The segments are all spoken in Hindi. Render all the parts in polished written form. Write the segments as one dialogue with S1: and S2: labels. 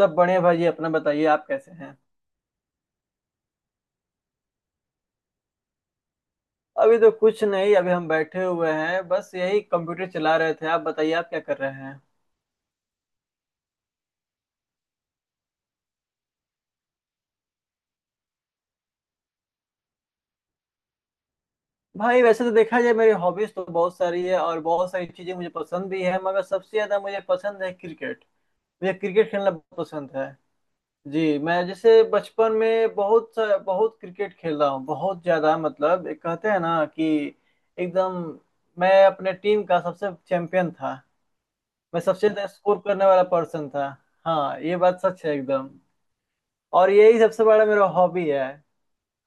S1: सब बढ़िया भाई जी। अपना बताइए, आप कैसे हैं? अभी तो कुछ नहीं, अभी हम बैठे हुए हैं, बस यही कंप्यूटर चला रहे थे। आप बताइए, आप क्या कर रहे हैं? भाई वैसे तो देखा जाए, मेरी हॉबीज तो बहुत सारी है और बहुत सारी चीजें मुझे पसंद भी है, मगर सबसे ज्यादा मुझे पसंद है क्रिकेट। मुझे क्रिकेट खेलना बहुत पसंद है। जी, मैं जैसे बचपन में बहुत क्रिकेट खेला हूँ, बहुत ज्यादा। मतलब एक कहते हैं ना कि एकदम मैं अपने टीम का सबसे चैंपियन था। मैं सबसे ज्यादा स्कोर करने वाला पर्सन था। हाँ, ये बात सच है एकदम। और यही सबसे बड़ा मेरा हॉबी है।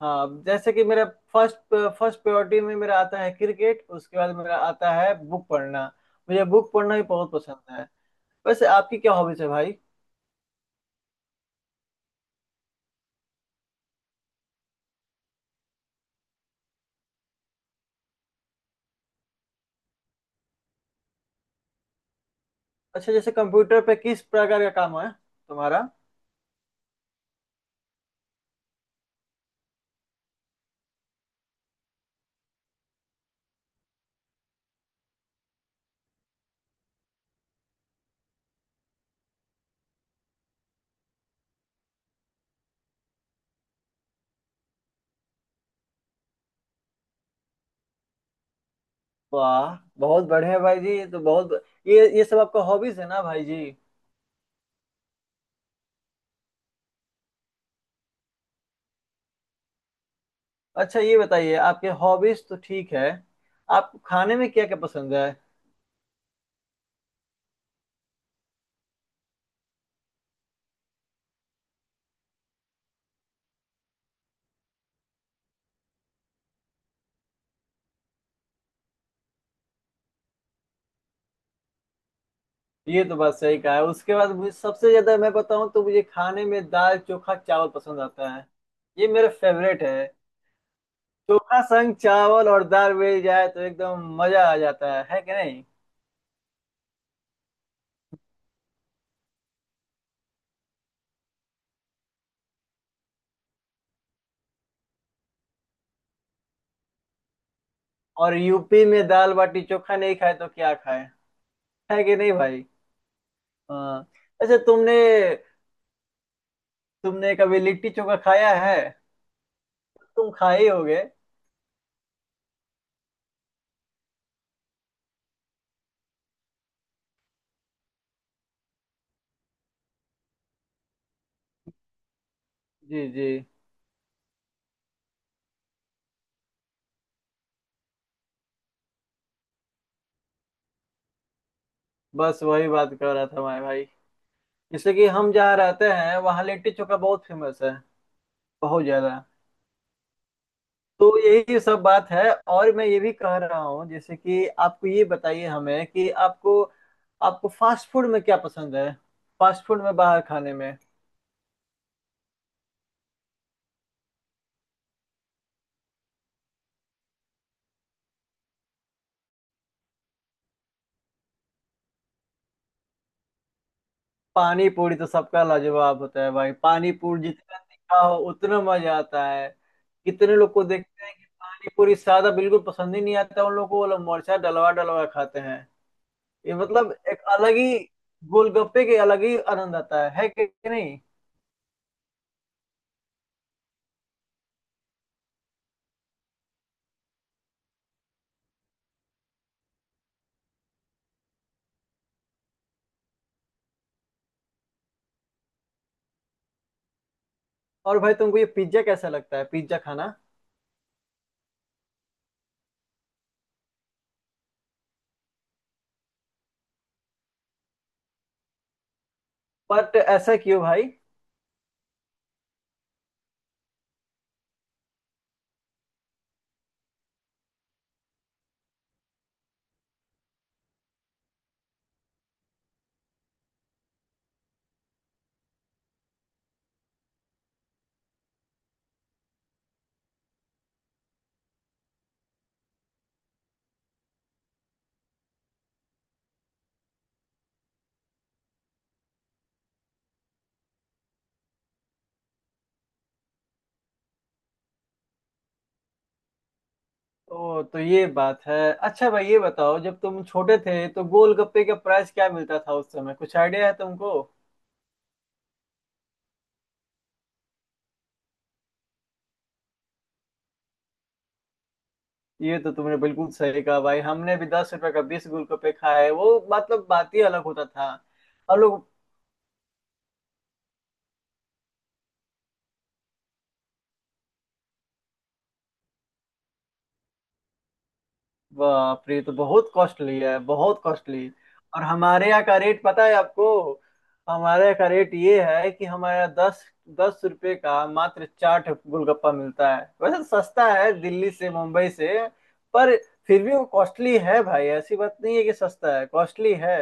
S1: हाँ, जैसे कि मेरा फर्स्ट फर्स्ट प्रायोरिटी में मेरा आता है क्रिकेट। उसके बाद मेरा आता है बुक पढ़ना। मुझे बुक पढ़ना भी बहुत पसंद है। वैसे आपकी क्या हॉबीज है भाई? अच्छा, जैसे कंप्यूटर पे किस प्रकार का काम है तुम्हारा? वाह, बहुत बढ़िया भाई जी, ये तो बहुत। ये सब आपका हॉबीज है ना भाई जी? अच्छा, ये बताइए, आपके हॉबीज तो ठीक है, आपको खाने में क्या क्या पसंद है? ये तो बात सही कहा है। उसके बाद मुझे सबसे ज्यादा, मैं बताऊं तो मुझे खाने में दाल चोखा चावल पसंद आता है। ये मेरा फेवरेट है। चोखा संग चावल और दाल मिल जाए तो एकदम मजा आ जाता है कि नहीं? और यूपी में दाल बाटी चोखा नहीं खाए तो क्या खाए? है कि नहीं भाई? हाँ। अच्छा, तुमने तुमने कभी लिट्टी चोखा खाया है? तुम खाए होगे। जी जी, बस वही बात कर रहा था मैं भाई। जैसे कि हम जहाँ रहते हैं, वहाँ लिट्टी चोखा बहुत फेमस है। बहुत ज्यादा। तो यही सब बात है। और मैं ये भी कह रहा हूँ, जैसे कि आपको ये बताइए हमें कि आपको, आपको फास्ट फूड में क्या पसंद है? फास्ट फूड में, बाहर खाने में। पानी पूरी तो सबका लाजवाब होता है भाई। पानी पूरी जितना तीखा हो उतना मजा आता है। कितने लोग को देखते हैं कि पानी पूरी सादा बिल्कुल पसंद ही नहीं आता उन लोगों को, वो लोग मिर्चा डलवा डलवा खाते हैं। ये मतलब एक अलग ही, गोलगप्पे के अलग ही आनंद आता है कि नहीं? और भाई, तुमको ये पिज्जा कैसा लगता है, पिज्जा खाना? बट ऐसा क्यों भाई? तो ये बात है। अच्छा भाई, ये बताओ, जब तुम छोटे थे तो गोलगप्पे का प्राइस क्या मिलता था उस समय? कुछ आइडिया है तुमको? ये तो तुमने बिल्कुल सही कहा भाई, हमने भी 10 रुपए का 20 गोलगप्पे खाए। वो मतलब बात ही अलग होता था हम लोग। बाप रे, ये तो बहुत कॉस्टली है, बहुत कॉस्टली। और हमारे यहाँ का रेट पता है आपको? हमारे यहाँ का रेट ये है कि हमारे यहाँ दस दस रुपये का मात्र चाट गोलगप्पा मिलता है। वैसे सस्ता है दिल्ली से, मुंबई से। पर फिर भी वो कॉस्टली है भाई, ऐसी बात नहीं है कि सस्ता है, कॉस्टली है।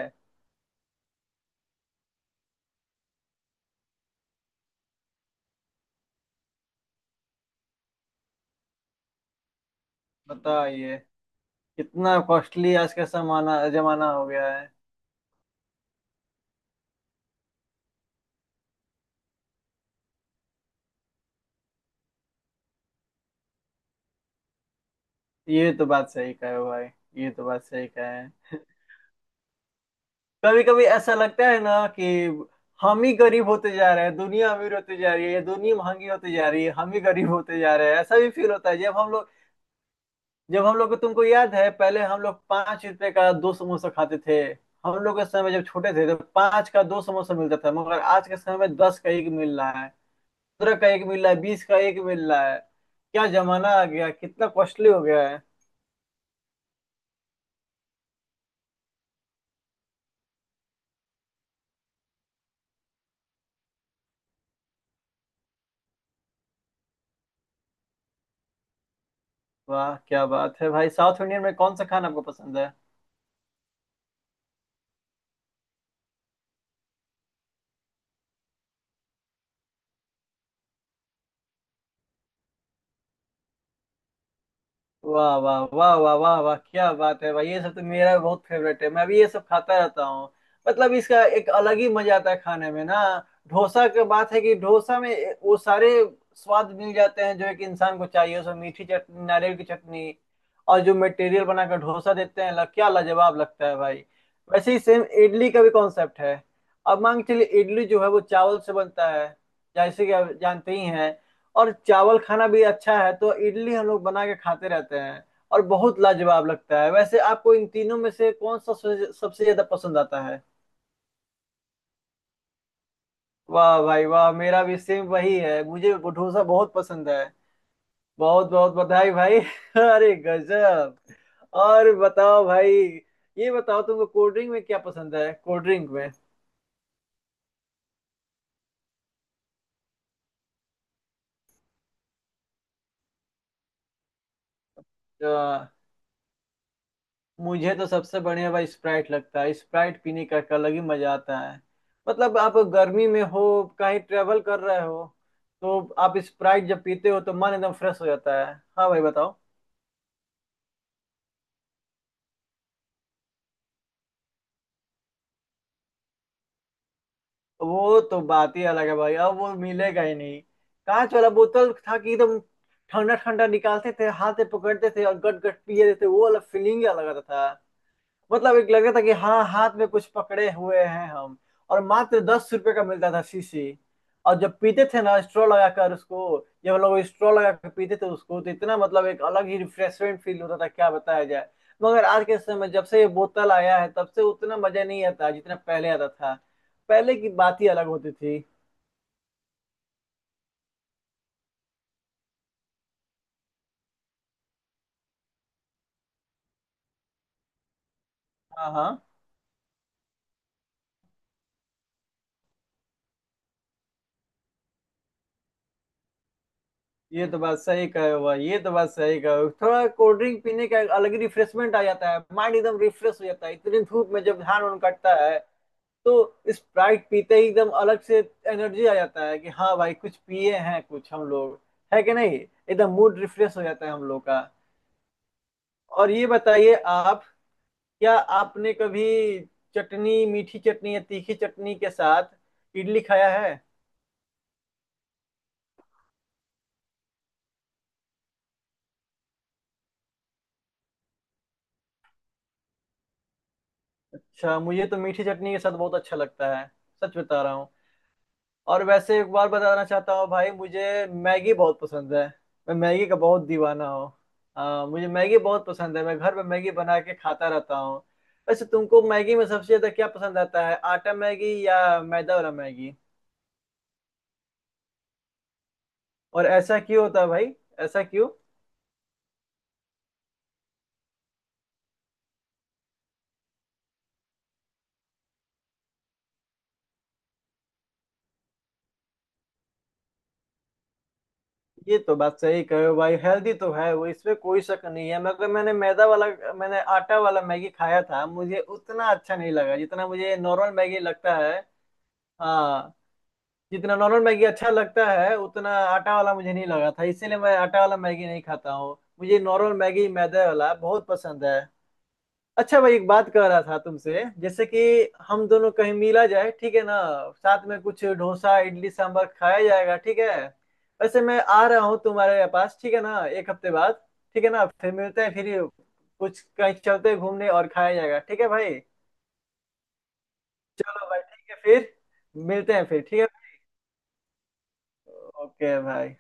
S1: बताइए, कितना कॉस्टली आज का जमाना जमाना हो गया है। ये तो बात सही कहे हो भाई, ये तो बात सही कहे। कभी कभी ऐसा लगता है ना कि हम ही गरीब होते जा रहे हैं, दुनिया अमीर होती जा रही है, या दुनिया महंगी होती जा रही है, हम ही गरीब होते जा रहे हैं। ऐसा भी फील होता है जब हम लोग, जब हम लोग को। तुमको याद है, पहले हम लोग 5 रुपए का दो समोसा खाते थे। हम लोग के समय जब छोटे थे, तो 5 का दो समोसा मिलता था, मगर आज के समय में 10 का एक मिल रहा है, 15 का एक मिल रहा है, 20 का एक मिल रहा है। क्या जमाना आ गया, कितना कॉस्टली हो गया है। वाह क्या बात है भाई, साउथ इंडियन में कौन सा खाना आपको पसंद है? वाह वाह वाह वाह वाह वाह, क्या बात है भाई, ये सब तो मेरा बहुत फेवरेट है, मैं भी ये सब खाता रहता हूँ। मतलब इसका एक अलग ही मजा आता है खाने में ना। डोसा की बात है कि डोसा में वो सारे स्वाद मिल जाते हैं जो एक इंसान को चाहिए। उसमें मीठी चटनी, नारियल की चटनी, और जो मटेरियल बनाकर डोसा देते हैं, क्या लाजवाब लगता है भाई। वैसे ही सेम इडली का भी कॉन्सेप्ट है। अब मान के चलिए, इडली जो है वो चावल से बनता है, जैसे कि आप जानते ही हैं। और चावल खाना भी अच्छा है, तो इडली हम लोग बना के खाते रहते हैं। और बहुत लाजवाब लगता है। वैसे आपको इन तीनों में से कौन सा सबसे सबसे ज्यादा पसंद आता है? वाह भाई वाह, मेरा भी सेम वही है, मुझे डोसा बहुत पसंद है। बहुत बहुत बधाई भाई। अरे गजब। और बताओ भाई, ये बताओ तुमको कोल्ड ड्रिंक में क्या पसंद है? कोल्ड ड्रिंक में मुझे तो सबसे बढ़िया भाई स्प्राइट लगता है। स्प्राइट पीने का एक अलग ही मजा आता है। मतलब आप गर्मी में हो, कहीं ट्रेवल कर रहे हो, तो आप स्प्राइट जब पीते हो तो मन एकदम फ्रेश हो जाता है। हाँ भाई, बताओ। वो तो बात ही अलग है भाई, अब वो मिलेगा ही नहीं। कांच वाला बोतल था कि एकदम ठंडा ठंडा निकालते थे, हाथ से पकड़ते थे और गट गट पिए थे, वो वाला फीलिंग अलग आता था। मतलब एक लग रहा था कि हाँ, हाथ में कुछ पकड़े हुए हैं हम। और मात्र 10 रुपए का मिलता था शीशी। और जब पीते थे ना स्ट्रॉ लगाकर उसको, जब हम लोग स्ट्रॉ लगा के पीते थे उसको, तो इतना, मतलब एक अलग ही रिफ्रेशमेंट फील होता था, क्या बताया जाए। मगर आज के समय, जब से ये बोतल आया है, तब से उतना मजा नहीं आता जितना पहले आता था। पहले की बात ही अलग होती थी। हाँ हाँ, ये तो बात सही कहे हुआ, ये तो बात सही कहे हुआ। थोड़ा कोल्ड ड्रिंक पीने का एक अलग ही रिफ्रेशमेंट आ जाता है, माइंड एकदम रिफ्रेश हो जाता है, इतनी धूप में जब धान उन कटता है। तो स्प्राइट पीते ही एकदम अलग से एनर्जी आ जाता है कि हाँ भाई, कुछ पिए हैं कुछ हम लोग। है कि नहीं, एकदम मूड रिफ्रेश हो जाता है हम लोग का। और ये बताइए आप, क्या आपने कभी चटनी, मीठी चटनी या तीखी चटनी के साथ इडली खाया है? अच्छा, मुझे तो मीठी चटनी के साथ बहुत अच्छा लगता है, सच बता रहा हूँ। और वैसे एक बार बताना चाहता हूँ भाई, मुझे मैगी बहुत पसंद है। मैं मैगी का बहुत दीवाना हूँ। हाँ, मुझे मैगी बहुत पसंद है, मैं घर में मैगी बना के खाता रहता हूँ। वैसे तुमको मैगी में सबसे ज्यादा क्या पसंद आता है, आटा मैगी या मैदा वाला मैगी? और ऐसा क्यों होता है भाई, ऐसा क्यों? ये तो बात सही कहे हो भाई, हेल्दी तो है वो, इसमें कोई शक नहीं है, मगर मैंने मैदा वाला, मैंने आटा वाला मैगी खाया था, मुझे उतना अच्छा नहीं लगा जितना मुझे नॉर्मल मैगी लगता है। हाँ, जितना नॉर्मल मैगी अच्छा लगता है उतना आटा वाला मुझे नहीं लगा था, इसीलिए मैं आटा वाला मैगी नहीं खाता हूँ, मुझे नॉर्मल मैगी मैदे वाला बहुत पसंद है। अच्छा भाई, एक बात कह रहा था तुमसे, जैसे कि हम दोनों कहीं मिला जाए, ठीक है ना? साथ में कुछ डोसा इडली सांभर खाया जाएगा, ठीक है? वैसे मैं आ रहा हूँ तुम्हारे पास, ठीक है ना, एक हफ्ते बाद। ठीक है ना, फिर मिलते हैं फिर। कुछ कहीं चलते हैं घूमने और खाया जाएगा, ठीक है भाई? चलो भाई, ठीक है फिर, मिलते हैं फिर, ठीक है? ओके भाई।